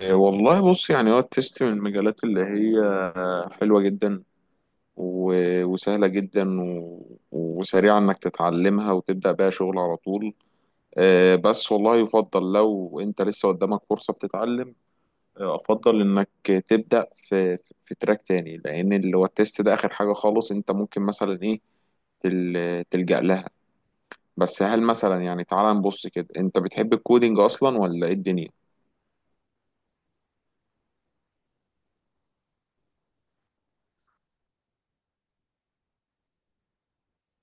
إيه والله، بص يعني هو التست من المجالات اللي هي حلوة جدا وسهلة جدا وسريعة انك تتعلمها وتبدأ بيها شغل على طول. بس والله يفضل لو انت لسه قدامك فرصة بتتعلم. افضل انك تبدأ في تراك تاني، لان اللي هو التست ده اخر حاجة خالص انت ممكن مثلا ايه تلجأ لها. بس هل مثلا، يعني تعال نبص كده، انت بتحب الكودينج اصلا ولا ايه الدنيا؟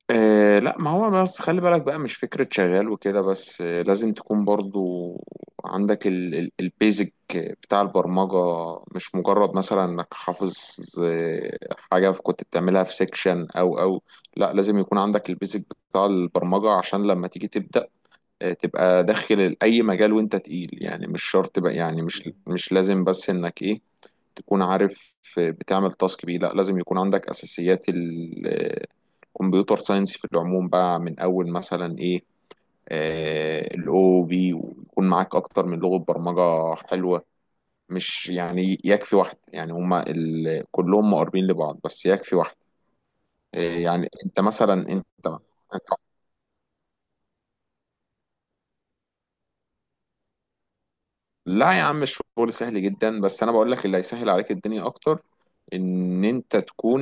آه لا، ما هو بس خلي بالك بقى، مش فكرة شغال وكده بس، لازم تكون برضو عندك البيزك بتاع البرمجة، مش مجرد مثلا انك حافظ آه حاجة كنت بتعملها في سيكشن او. لا، لازم يكون عندك البيزك بتاع البرمجة عشان لما تيجي تبدأ تبقى داخل اي مجال وانت تقيل، يعني مش شرط بقى، يعني مش لازم بس انك ايه تكون عارف بتعمل تاسك بيه. لا، لازم يكون عندك اساسيات الكمبيوتر ساينس في العموم بقى، من اول مثلا ايه الاو بي، ويكون معاك اكتر من لغة برمجة حلوة، مش يعني يكفي واحد، يعني هما كلهم مقربين لبعض بس يكفي واحد. يعني انت مثلا انت. لا يا عم الشغل سهل جدا، بس انا بقول لك اللي هيسهل عليك الدنيا اكتر ان انت تكون،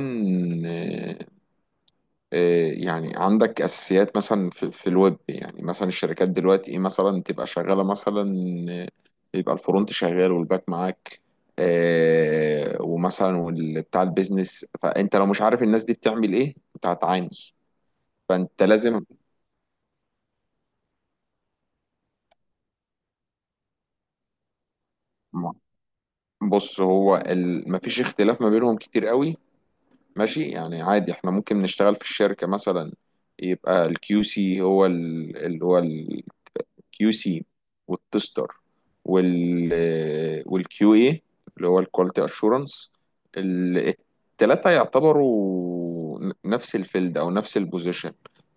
آه، يعني عندك اساسيات مثلا في الويب. يعني مثلا الشركات دلوقتي ايه مثلا تبقى شغاله، مثلا يبقى الفرونت شغال والباك معاك، ومثلا بتاع البيزنس، فانت لو مش عارف الناس دي بتعمل ايه انت هتعاني. فانت لازم. بص، هو مفيش اختلاف ما بينهم كتير قوي، ماشي؟ يعني عادي احنا ممكن نشتغل في الشركه مثلا، يبقى الكيو سي هو اللي هو، والكيو سي، والتستر، والكيو اي اللي هو الكواليتي اشورنس، التلاتة يعتبروا نفس الفيلد او نفس البوزيشن.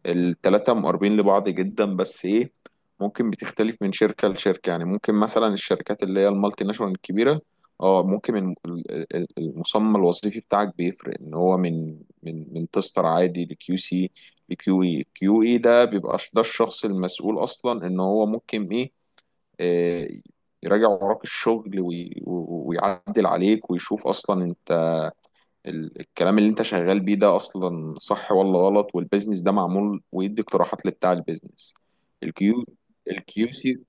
التلاتة مقربين لبعض جدا، بس ايه، ممكن بتختلف من شركة لشركة. يعني ممكن مثلا الشركات اللي هي المالتي ناشونال الكبيرة، اه ممكن المسمى الوظيفي بتاعك بيفرق، ان هو من تستر عادي، لكيو سي، بكيو اي. الكيو اي ده بيبقى ده الشخص المسؤول اصلا ان هو ممكن ايه، آه، يراجع وراك الشغل ويعدل عليك ويشوف اصلا انت الكلام اللي انت شغال بيه ده اصلا صح ولا غلط، والبيزنس ده معمول، ويدي اقتراحات لبتاع البيزنس. الكيو الكيو سي.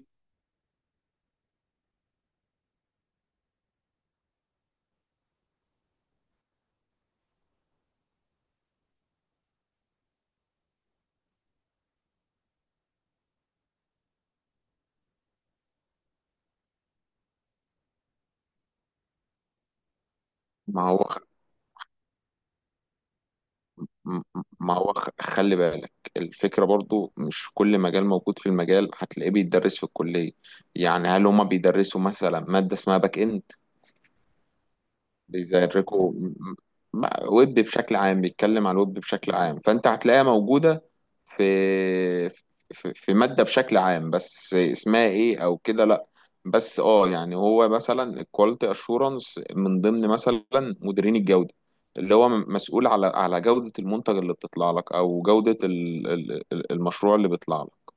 ما هو خ- م- ما هو خ- خلي بالك، الفكرة برضو مش كل مجال موجود في المجال هتلاقيه بيتدرس في الكلية. يعني هل هما بيدرسوا مثلا مادة اسمها باك اند؟ بيزركوا م- ويب بشكل عام، بيتكلم عن الويب بشكل عام، فانت هتلاقيها موجوده في في ماده بشكل عام، بس اسمها ايه او كده، لا. بس اه، يعني هو مثلا الكواليتي اشورنس من ضمن مثلا مديرين الجوده، اللي هو مسؤول على جوده المنتج اللي بتطلع لك او جوده المشروع اللي بيطلع لك.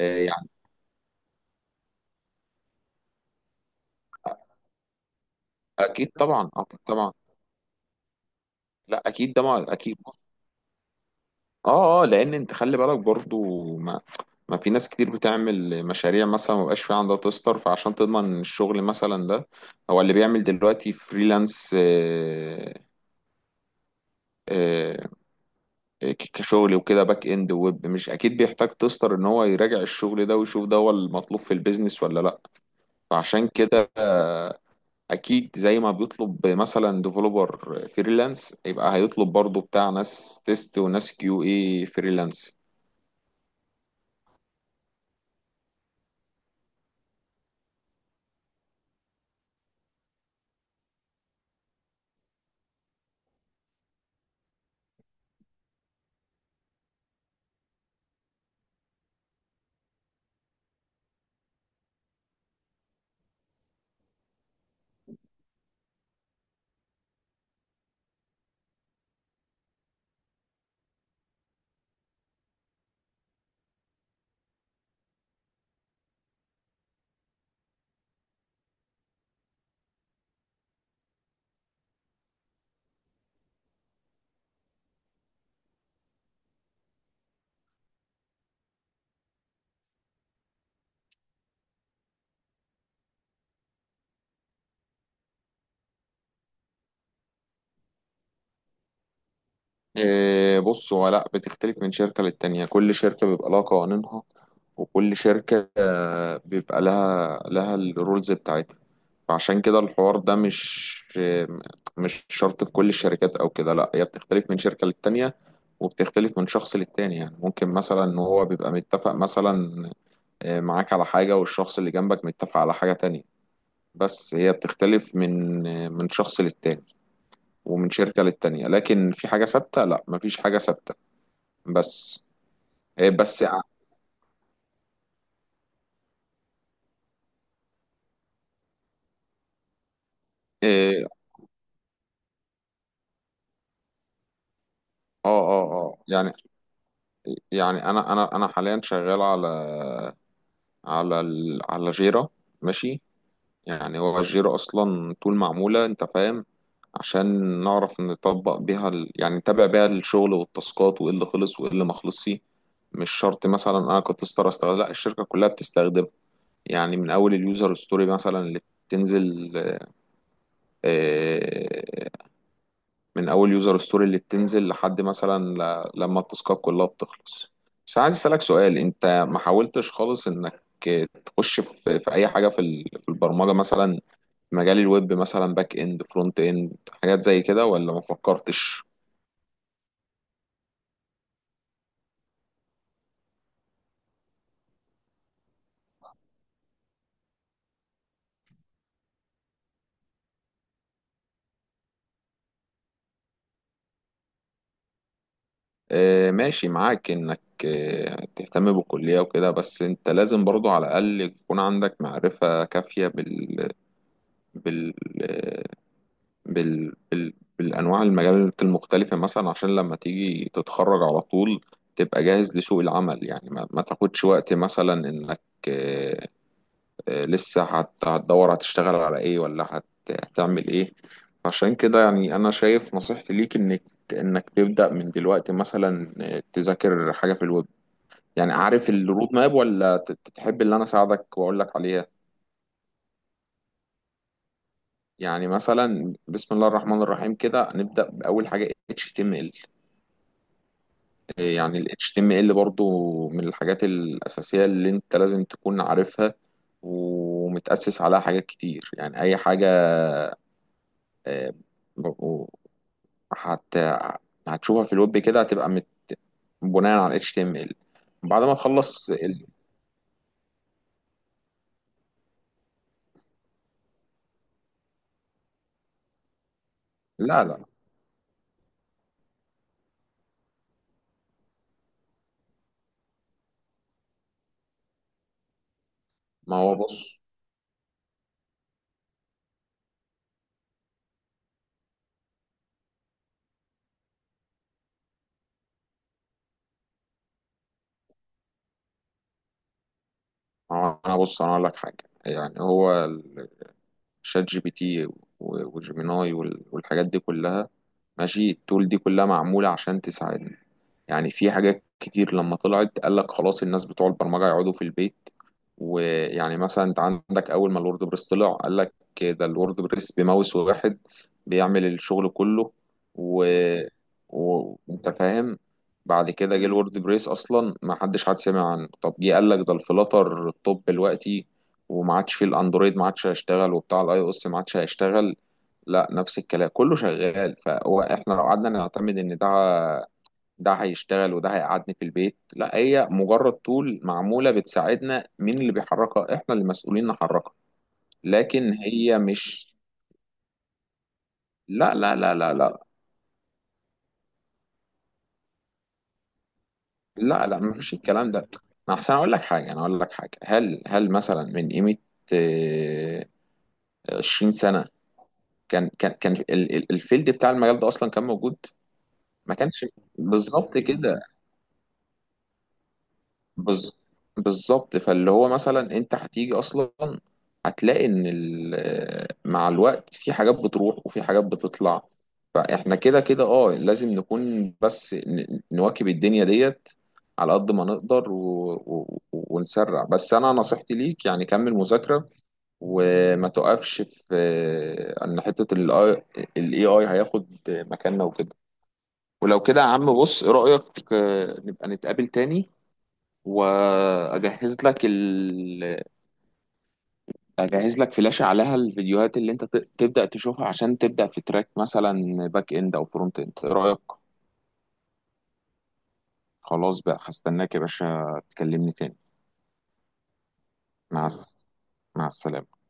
يعني اكيد طبعا، اكيد طبعا. لا اكيد ده اكيد. اه لان انت خلي بالك برضو، ما ما في ناس كتير بتعمل مشاريع مثلا ما بقاش في عندها تستر، فعشان تضمن إن الشغل مثلا ده، هو اللي بيعمل دلوقتي فريلانس، آه، كشغل وكده، باك اند وويب، مش اكيد بيحتاج تستر ان هو يراجع الشغل ده ويشوف ده هو المطلوب في البيزنس ولا لا. فعشان كده، اكيد زي ما بيطلب مثلا ديفلوبر فريلانس، يبقى هيطلب برضو بتاع ناس تيست وناس كيو اي فريلانس. إيه، بص، هو لا، بتختلف من شركة للتانية، كل شركة بيبقى لها قوانينها، وكل شركة بيبقى لها الرولز بتاعتها. فعشان كده الحوار ده مش شرط في كل الشركات أو كده، لا، هي بتختلف من شركة للتانية، وبتختلف من شخص للتاني. يعني ممكن مثلا إن هو بيبقى متفق مثلا، معاك على حاجة، والشخص اللي جنبك متفق على حاجة تانية. بس هي بتختلف من شخص للتاني، ومن شركة للتانية. لكن في حاجة ثابتة؟ لا، مفيش حاجة ثابتة. بس. إيه، بس إيه. اه يعني انا حاليا شغال على جيرة، ماشي؟ يعني هو الجيرة اصلا طول معمولة، انت فاهم، عشان نعرف نطبق بيها يعني نتابع بيها الشغل والتاسكات، وايه اللي خلص وايه اللي ما خلصش. مش شرط مثلا انا كنت استخدم، لا، الشركة كلها بتستخدمها. يعني من اول اليوزر ستوري مثلا اللي بتنزل، آه، من اول يوزر ستوري اللي بتنزل لحد مثلا، لما التاسكات كلها بتخلص. بس عايز اسالك سؤال، انت ما حاولتش خالص انك تخش في اي حاجه في البرمجه مثلا، مجال الويب مثلا، باك اند، فرونت اند، حاجات زي كده، ولا ما فكرتش؟ آه ماشي، معاك انك تهتم بالكليه وكده، بس انت لازم برضو على الاقل يكون عندك معرفه كافيه بال... بال... بال... بالانواع المجالات المختلفه مثلا، عشان لما تيجي تتخرج على طول تبقى جاهز لسوق العمل. يعني ما تاخدش وقت مثلا انك، آه، لسه هتدور هتشتغل على ايه، ولا هتعمل ايه. عشان كده يعني انا شايف نصيحتي ليك، انك تبدا من دلوقتي مثلا، تذاكر حاجه في الويب. يعني عارف الرود ماب، ولا تحب اللي انا اساعدك واقول لك عليها؟ يعني مثلا، بسم الله الرحمن الرحيم، كده نبدا باول حاجه HTML. يعني ال HTML برضو من الحاجات الأساسية اللي أنت لازم تكون عارفها، ومتأسس عليها حاجات كتير. يعني أي حاجة، آه، و- هت... هتشوفها في الويب كده هتبقى بناء على ال HTML. بعد ما تخلص لا لا. ما هو بص ما هو أنا بص أنا أقول لك حاجة، يعني هو شات جي بي تي وجيميناي والحاجات دي كلها، ماشي، التول دي كلها معمولة عشان تساعدنا. يعني في حاجات كتير لما طلعت قال لك خلاص، الناس بتوع البرمجة يقعدوا في البيت. ويعني مثلا انت عندك، اول ما الورد بريس طلع قال لك ده الورد بريس بماوس واحد بيعمل الشغل كله، و... انت فاهم. بعد كده جه الورد بريس اصلا ما حدش سمع عنه، طب جه قال لك ده الفلاتر. الطب دلوقتي وما عادش فيه الاندرويد، ما عادش هيشتغل، وبتاع الاي او اس ما عادش هيشتغل. لا، نفس الكلام كله شغال. فهو احنا لو قعدنا نعتمد ان ده هيشتغل، وده هيقعدني في البيت، لا، هي مجرد طول معمولة بتساعدنا. مين اللي بيحركها؟ احنا اللي مسؤولين نحركها، لكن هي مش. لا لا لا لا لا لا لا، مفيش الكلام ده. انا احسن اقول لك حاجة، انا اقول لك حاجة، هل مثلا من قيمة آه، 20 سنة، كان الفيلد بتاع المجال ده اصلا كان موجود؟ ما كانش، بالظبط كده، بز... بالظبط. فاللي هو مثلا انت هتيجي اصلا هتلاقي ان مع الوقت في حاجات بتروح وفي حاجات بتطلع. فاحنا كده كده، لازم نكون بس نواكب الدنيا ديت على قد ما نقدر، ونسرع. بس انا نصيحتي ليك يعني كمل مذاكرة وما تقفش في ان حتة الاي اي هياخد مكاننا وكده. ولو كده يا عم، بص، ايه رأيك، نبقى نتقابل تاني، واجهز لك ال... اجهز لك فلاشة عليها الفيديوهات اللي انت تبدأ تشوفها، عشان تبدأ في تراك مثلا باك اند او فرونت اند. ايه رأيك؟ خلاص بقى، هستناك يا باشا تكلمني تاني. مع مع السلامة.